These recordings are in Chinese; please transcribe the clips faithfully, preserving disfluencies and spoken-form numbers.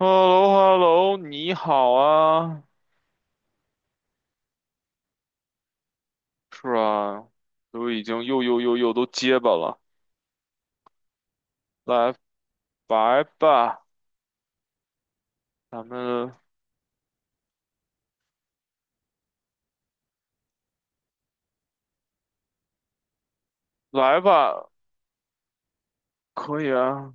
h e l l o h e l l o 你好啊，是啊，都已经又又又又都结巴了，来来吧，咱们来吧，可以啊。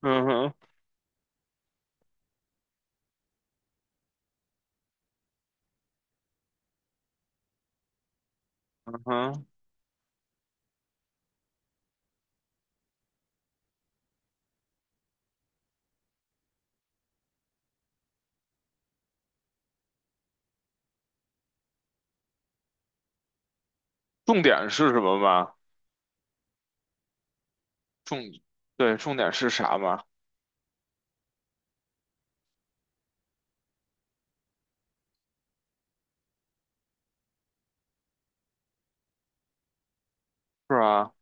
嗯哼。嗯哼。重点是什么嘛？重，对，重点是啥嘛？是啊。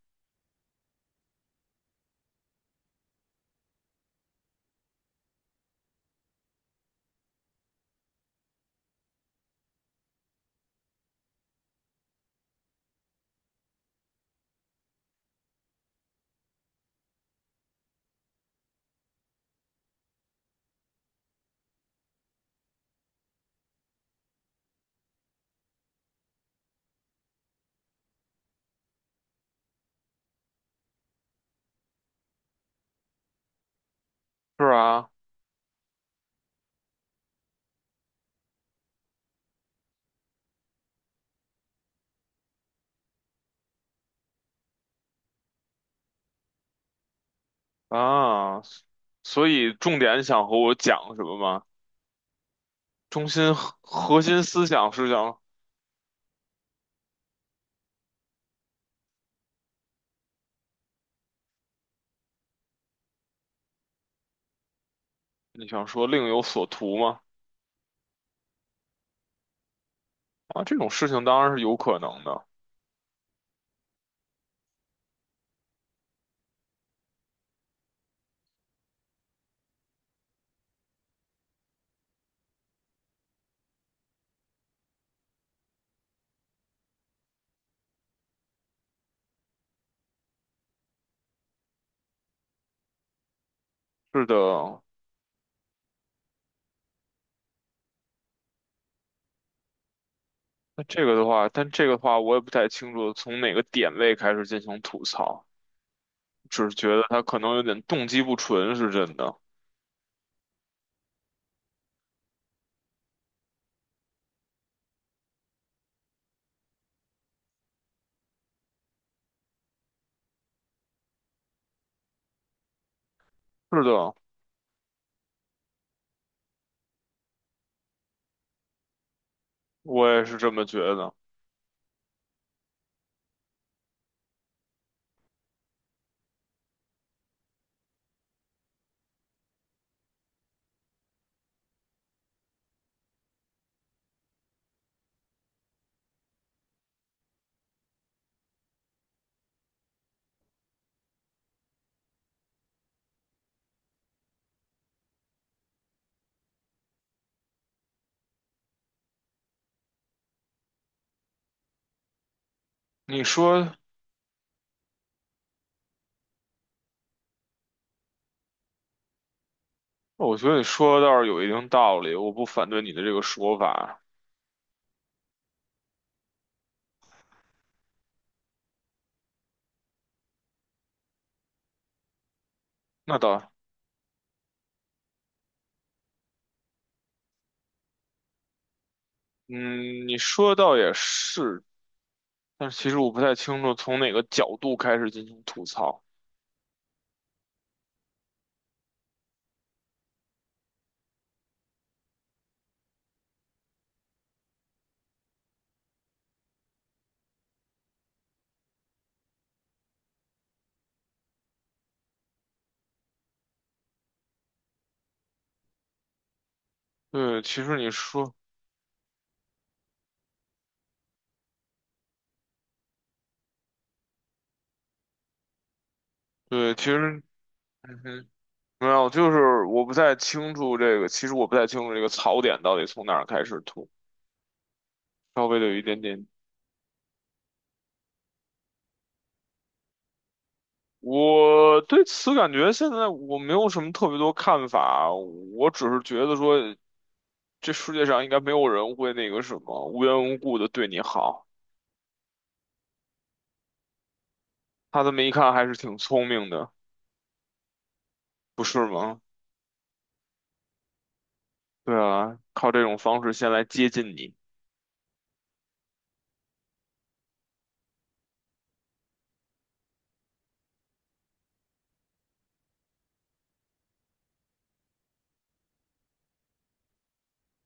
是啊。啊，所以重点想和我讲什么吗？中心核核心思想是想你想说另有所图吗？啊，这种事情当然是有可能的，是的。那这个的话，但这个的话，我也不太清楚从哪个点位开始进行吐槽，只是觉得他可能有点动机不纯，是真的。是的，我也是这么觉得。你说，我觉得你说的倒是有一定道理，我不反对你的这个说法。那倒，嗯，你说的倒也是，但是其实我不太清楚从哪个角度开始进行吐槽。对，其实你说，对，其实。没有，就是我不太清楚这个，其实我不太清楚这个槽点到底从哪儿开始吐，稍微的有一点点。我对此感觉现在我没有什么特别多看法，我只是觉得说这世界上应该没有人会那个什么无缘无故的对你好。他这么一看还是挺聪明的，不是吗？对啊，靠这种方式先来接近你。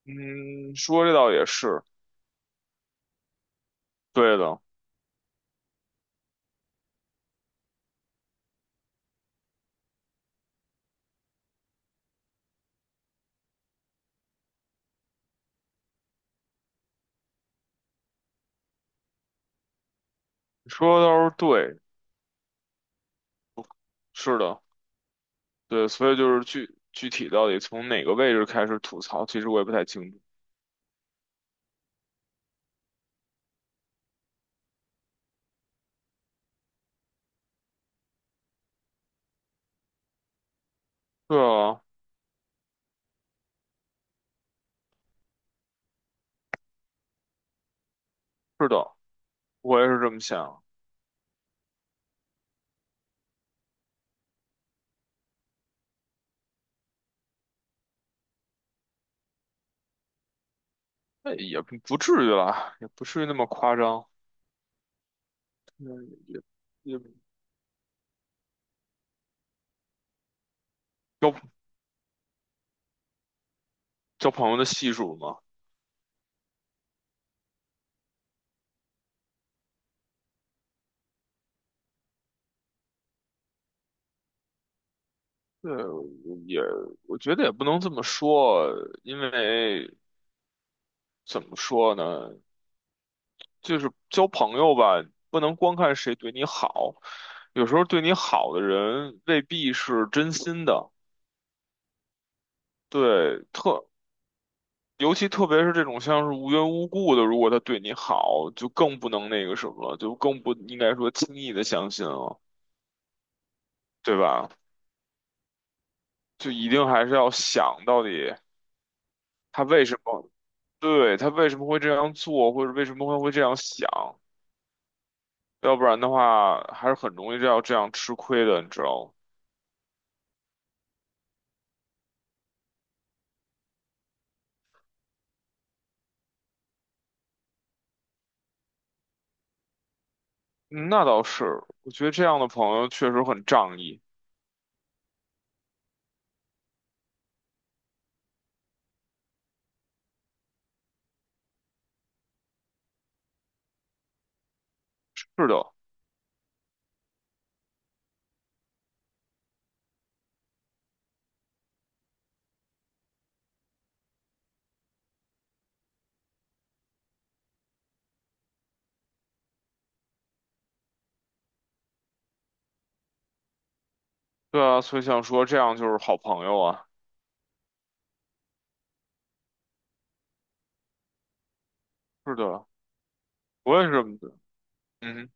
嗯，说这倒也是，对的，说的倒是对，是的。对，所以就是具具体到底从哪个位置开始吐槽，其实我也不太清楚。对啊。是的。我也是这么想。那也不不至于啦，也不至于那么夸张。嗯，也也交交朋友的系数嘛。对，也我觉得也不能这么说，因为怎么说呢，就是交朋友吧，不能光看谁对你好，有时候对你好的人未必是真心的。对，特尤其特别是这种像是无缘无故的，如果他对你好，就更不能那个什么了，就更不应该说轻易的相信了，对吧？就一定还是要想到底他为什么，对，他为什么会这样做，或者为什么会会这样想，要不然的话还是很容易要这样吃亏的，你知道吗？嗯那倒是，我觉得这样的朋友确实很仗义。是的。对啊，所以想说这样就是好朋友啊。是的，我也是这么觉得。嗯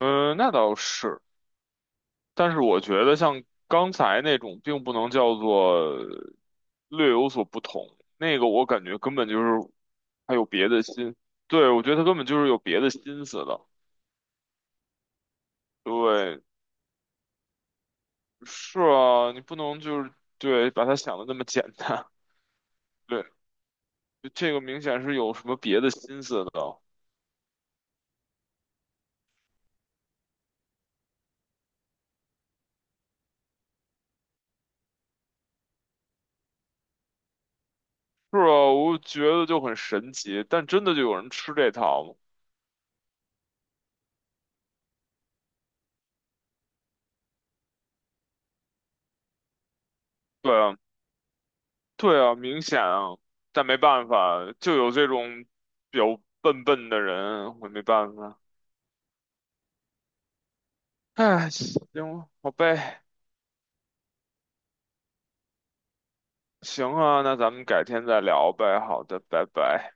哼。呃那倒是。但是我觉得像刚才那种，并不能叫做略有所不同。那个我感觉根本就是还有别的心，对，我觉得他根本就是有别的心思的。对，是啊，你不能就是对把他想的那么简单。对，就这个明显是有什么别的心思的。是啊，我觉得就很神奇，但真的就有人吃这套吗？对啊，对啊，明显啊，但没办法，就有这种比较笨笨的人，我没办法。唉，行，好呗，行啊，那咱们改天再聊呗。好的，拜拜。